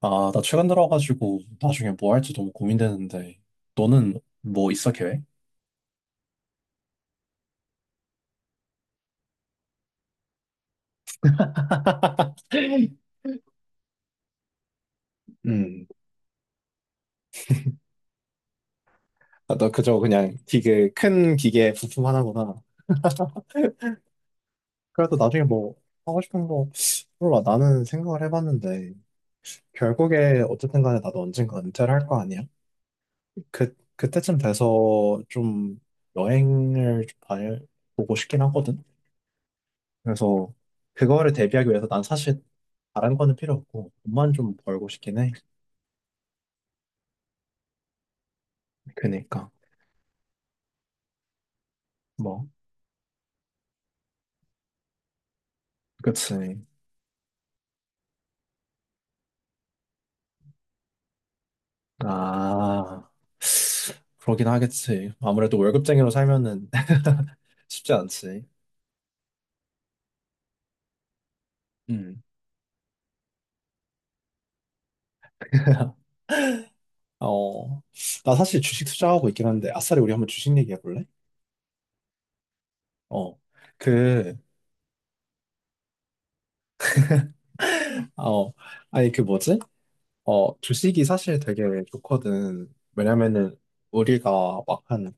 아, 나 최근 들어가지고 나중에 뭐 할지 너무 고민되는데, 너는 뭐 있어, 계획? 음. 아, 너 그저 그냥 기계, 큰 기계 부품 하나구나. 그래도 나중에 뭐 하고 싶은 거, 몰라. 나는 생각을 해봤는데, 결국에 어쨌든 간에 나도 언젠가 은퇴를 할 거 아니야? 그때쯤 돼서 좀 여행을 좀 다녀보고 싶긴 하거든? 그래서 그거를 대비하기 위해서 난 사실 다른 거는 필요 없고, 돈만 좀 벌고 싶긴 해. 그니까. 뭐. 그치. 아, 그러긴 하겠지. 아무래도 월급쟁이로 살면은 쉽지 않지. 음. 어, 나 사실 주식 투자하고 있긴 한데, 아싸리 우리 한번 주식 얘기해 볼래? 어, 그, 어, 아니, 그 뭐지? 어, 주식이 사실 되게 좋거든. 왜냐면은, 우리가 막 한,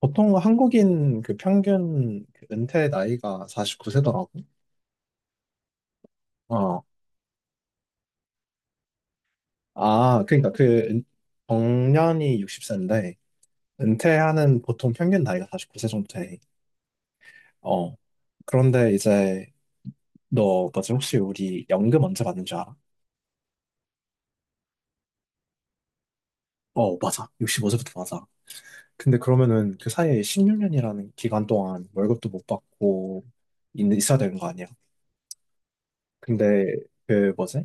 보통 한국인 그 평균 그 은퇴 나이가 49세더라고. 어, 아, 그러니까 그, 은- 정년이 60세인데, 은퇴하는 보통 평균 나이가 49세 정도 돼. 어. 그런데 이제 너 뭐지 혹시 우리 연금 언제 받는 줄 알아? 어, 맞아. 65세부터 맞아. 근데 그러면은 그 사이에 16년이라는 기간 동안 월급도 못 받고 있어야 되는 거 아니야? 근데 그 뭐지?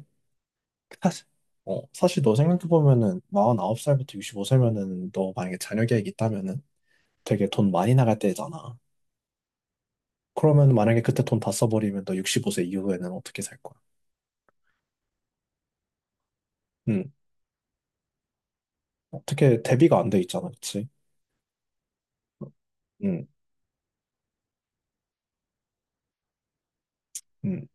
사실 어, 사실 너 생각해보면은 49살부터 65세면은 너 만약에 자녀 계획 있다면은 되게 돈 많이 나갈 때잖아. 그러면 만약에 그때 돈 다 써버리면 너 65세 이후에는 어떻게 살 거야? 응. 어떻게 대비가 안 돼 있잖아, 그치? 응. 응.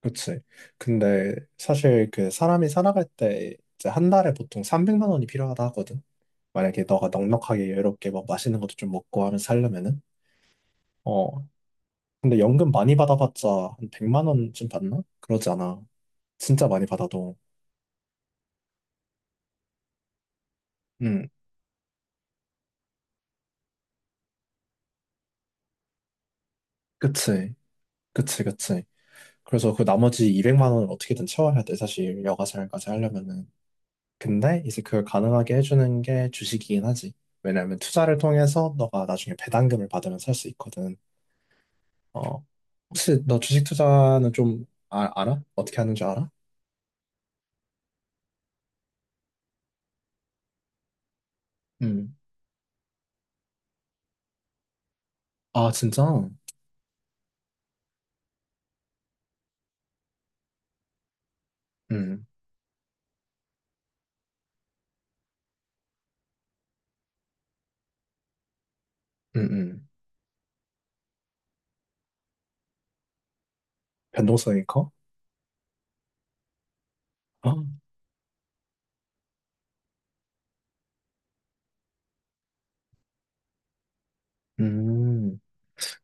그치. 근데 사실 그 사람이 살아갈 때 이제 한 달에 보통 300만 원이 필요하다 하거든. 만약에 너가 넉넉하게 여유롭게 막 맛있는 것도 좀 먹고 하면 살려면은. 어. 근데 연금 많이 받아봤자 한 100만 원쯤 받나? 그러지 않아. 진짜 많이 받아도. 응. 그치. 그치, 그치. 그래서 그 나머지 200만 원을 어떻게든 채워야 돼, 사실. 여가 생활까지 하려면은. 근데 이제 그걸 가능하게 해주는 게 주식이긴 하지. 왜냐하면 투자를 통해서 너가 나중에 배당금을 받으면 살 수 있거든. 어, 혹시 너 주식 투자는 좀 알아? 어떻게 하는 줄 알아? 음. 아, 진짜? 음, 음, 음. 변동성이 커? 어? 음.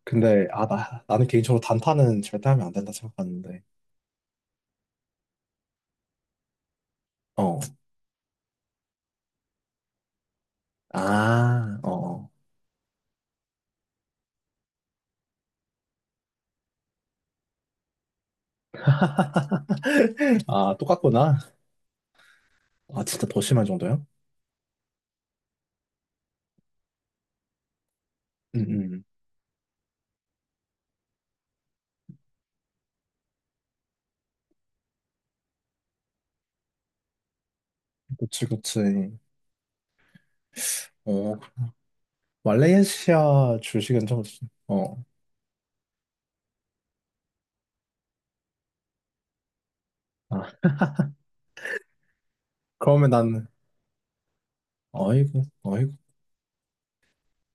아, 나는 개인적으로 단타는 절대 하면 안 된다 생각하는데. 어. 아, 어. 어. 아, 똑같구나. 아, 진짜 더 심한 정도야? 음, 음. 그치, 그치. 어, 말레이시아 주식은 좀, 어, 아, 그러면 난, 어이구, 어이구.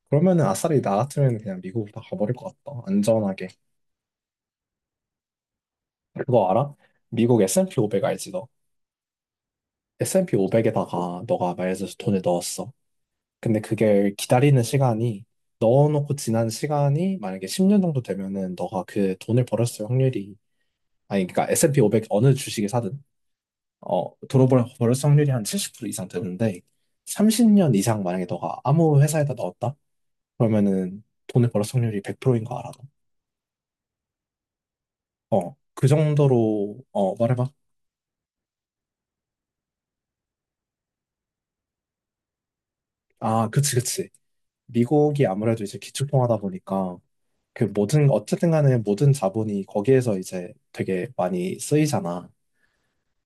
그러면은 아싸리 나 같으면 그냥 미국으로 다 가버릴 것 같다. 안전하게. 그거 알아? 미국 S&P 500 알지, 너? S&P 500에다가 너가 말해줘서 돈을 넣었어. 근데 그게 기다리는 시간이, 넣어놓고 지난 시간이 만약에 10년 정도 되면은 너가 그 돈을 벌었을 확률이, 아니, 그러니까 S&P 500 어느 주식을 사든, 어, 들어볼 벌었을 확률이 한 70% 이상 되는데, 30년 이상 만약에 너가 아무 회사에다 넣었다? 그러면은 돈을 벌어 확률이 100%인 거 알아? 너? 어, 그 정도로, 어, 말해봐. 아, 그치, 그치. 미국이 아무래도 이제 기축통화다 보니까 그 모든, 어쨌든 간에 모든 자본이 거기에서 이제 되게 많이 쓰이잖아.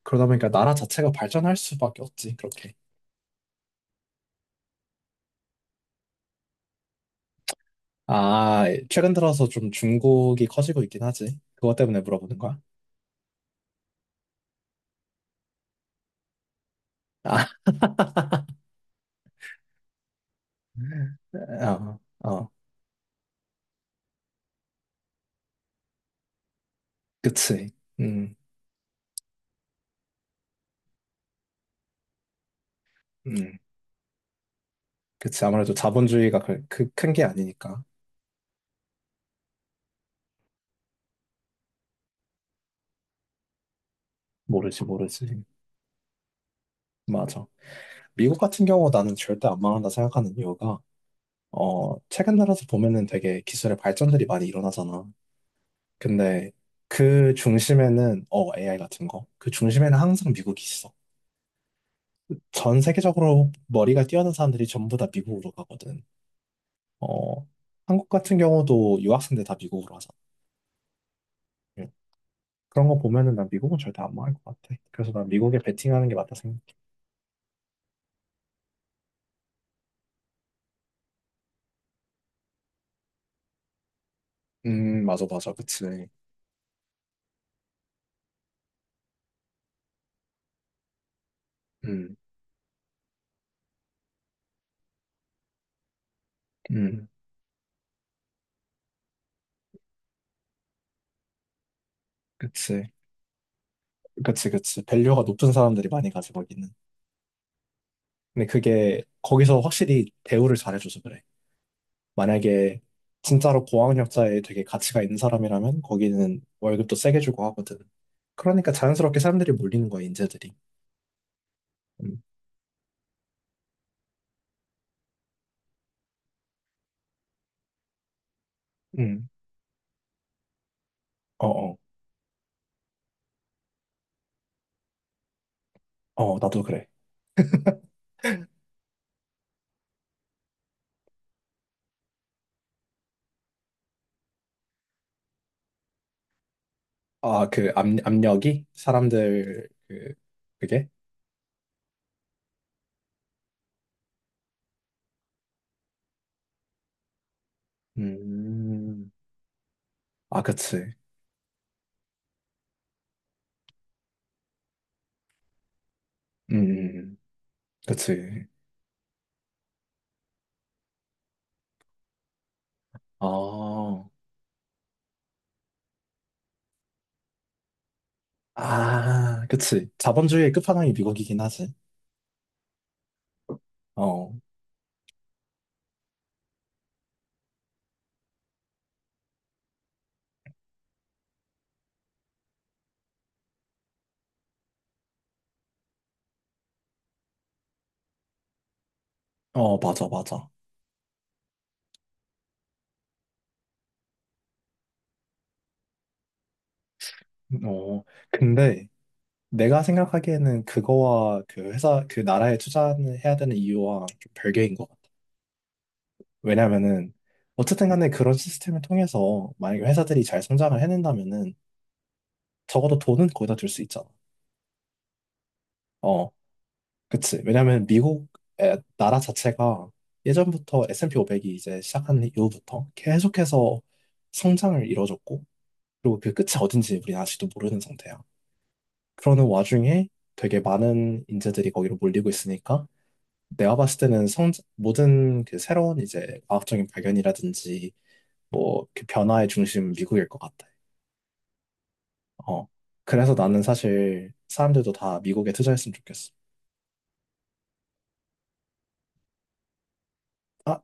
그러다 보니까 나라 자체가 발전할 수밖에 없지, 그렇게. 아, 최근 들어서 좀 중국이 커지고 있긴 하지. 그것 때문에 물어보는 거야? 아, 어, 어, 그치. 음, 음, 그치. 아무래도 자본주의가 그 큰 게 아니니까. 모르지, 모르지. 맞아. 미국 같은 경우 나는 절대 안 망한다 생각하는 이유가, 어, 최근 들어서 보면은 되게 기술의 발전들이 많이 일어나잖아. 근데 그 중심에는, 어, AI 같은 거. 그 중심에는 항상 미국이 있어. 전 세계적으로 머리가 뛰어난 사람들이 전부 다 미국으로 가거든. 어, 한국 같은 경우도 유학생들 다 미국으로 하잖아. 응. 그런 거 보면은 난 미국은 절대 안 망할 것 같아. 그래서 난 미국에 베팅하는 게 맞다 생각해. 맞아, 맞아. 그치. 음, 음, 그치. 그치, 그치. 밸류가 높은 사람들이 많이 가지, 거기는. 근데 그게, 거기서 확실히 대우를 잘해줘서 그래. 만약에, 진짜로 고학력자에 되게 가치가 있는 사람이라면, 거기는 월급도 세게 주고 하거든. 그러니까 자연스럽게 사람들이 몰리는 거야, 인재들이. 음, 음. 어, 어, 어, 나도 그래. 아, 그 압력이? 사람들, 그, 그게? 음, 아, 그치. 음, 음. 그치. 아, 아, 그치. 자본주의의 끝판왕이 미국이긴 하지. 어, 어, 맞아, 맞아. 어, 근데 내가 생각하기에는 그거와 그 회사, 그 나라에 투자해야 되는 이유와 좀 별개인 것 같아. 왜냐면은, 어쨌든 간에 그런 시스템을 통해서 만약에 회사들이 잘 성장을 해낸다면은 적어도 돈은 거기다 둘 수 있잖아. 어, 그치. 왜냐면 미국 나라 자체가 예전부터 S&P 500이 이제 시작한 이후부터 계속해서 성장을 이뤄줬고, 그리고 그 끝이 어딘지 우리는 아직도 모르는 상태야. 그러는 와중에 되게 많은 인재들이 거기로 몰리고 있으니까 내가 봤을 때는 성 모든 그 새로운 이제 과학적인 발견이라든지 뭐 그 변화의 중심은 미국일 것 같아. 어. 그래서 나는 사실 사람들도 다 미국에 투자했으면 좋겠어. 아,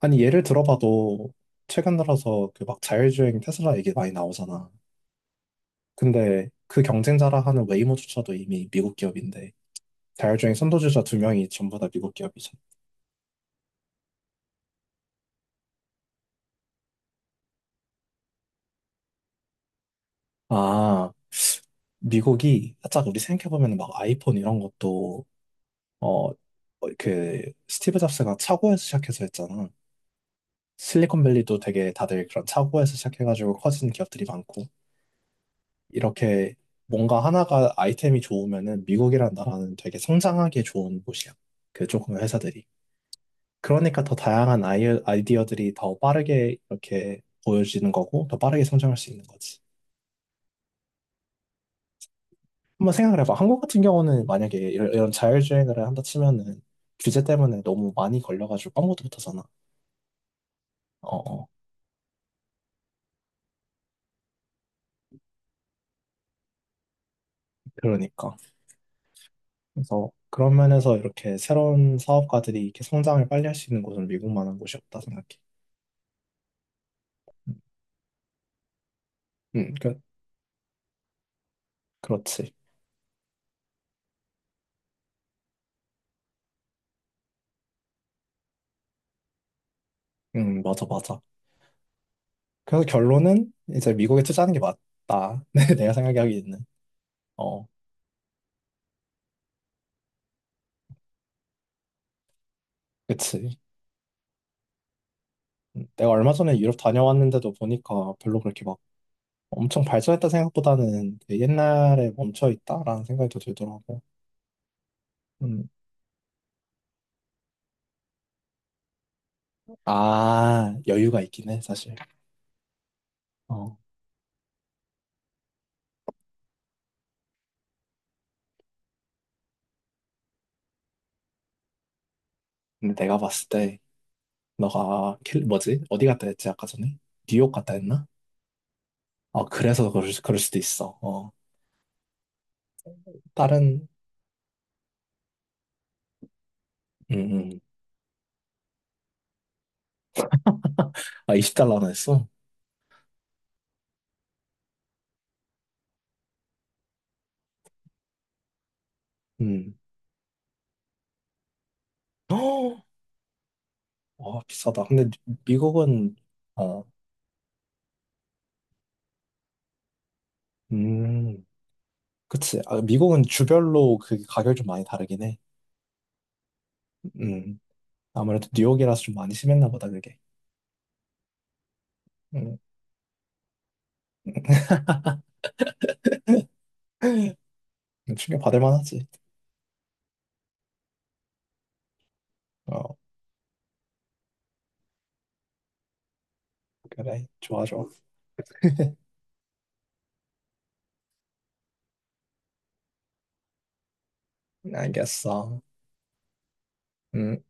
아니 예를 들어봐도 최근 들어서 그 막 자율주행 테슬라 얘기 많이 나오잖아. 근데 그 경쟁자라 하는 웨이모조차도 이미 미국 기업인데 자율주행 선도주자 두 명이 전부 다 미국 기업이잖아. 아. 미국이 살짝 우리 생각해보면 막 아이폰 이런 것도 어, 어, 그 스티브 잡스가 차고에서 시작해서 했잖아. 실리콘밸리도 되게 다들 그런 차고에서 시작해가지고 커진 기업들이 많고 이렇게 뭔가 하나가 아이템이 좋으면은 미국이란 나라는 되게 성장하기 좋은 곳이야. 그 조금의 회사들이. 그러니까 더 다양한 아이디어들이 더 빠르게 이렇게 보여지는 거고 더 빠르게 성장할 수 있는 거지. 한번 생각을 해봐. 한국 같은 경우는 만약에 이런 자율주행을 한다 치면은 규제 때문에 너무 많이 걸려가지고 아무터도어잖아. 어, 어. 그러니까. 그래서 그런 면에서 이렇게 새로운 사업가들이 이렇게 성장을 빨리 할 수 있는 곳은 미국만한 곳이 없다 생각해. 음, 음, 그, 그렇지. 맞아, 맞아. 그래서 결론은 이제 미국에 투자하는 게 맞다. 내가 생각하기에는. 어, 그치. 내가 얼마 전에 유럽 다녀왔는데도 보니까 별로 그렇게 막 엄청 발전했다 생각보다는 되게 옛날에 멈춰 있다라는 생각이 더 들더라고. 음, 아, 여유가 있긴 해, 사실. 어, 근데 내가 봤을 때, 너가, 뭐지? 어디 갔다 했지, 아까 전에? 뉴욕 갔다 했나? 어, 그래서 그럴 수도 있어. 어, 다른, 음, 음. 아, 20달러나 했어? 음. 헉! 어, 비싸다. 근데 미국은, 어, 음, 그치. 아, 미국은 주별로 그 가격이 좀 많이 다르긴 해. 음. 아무래도 뉴욕이라서 좀 많이 심했나 보다, 그게. 음. 충격 받을 만하지. 어, 그래, 좋아, 좋아. 알겠어. 음.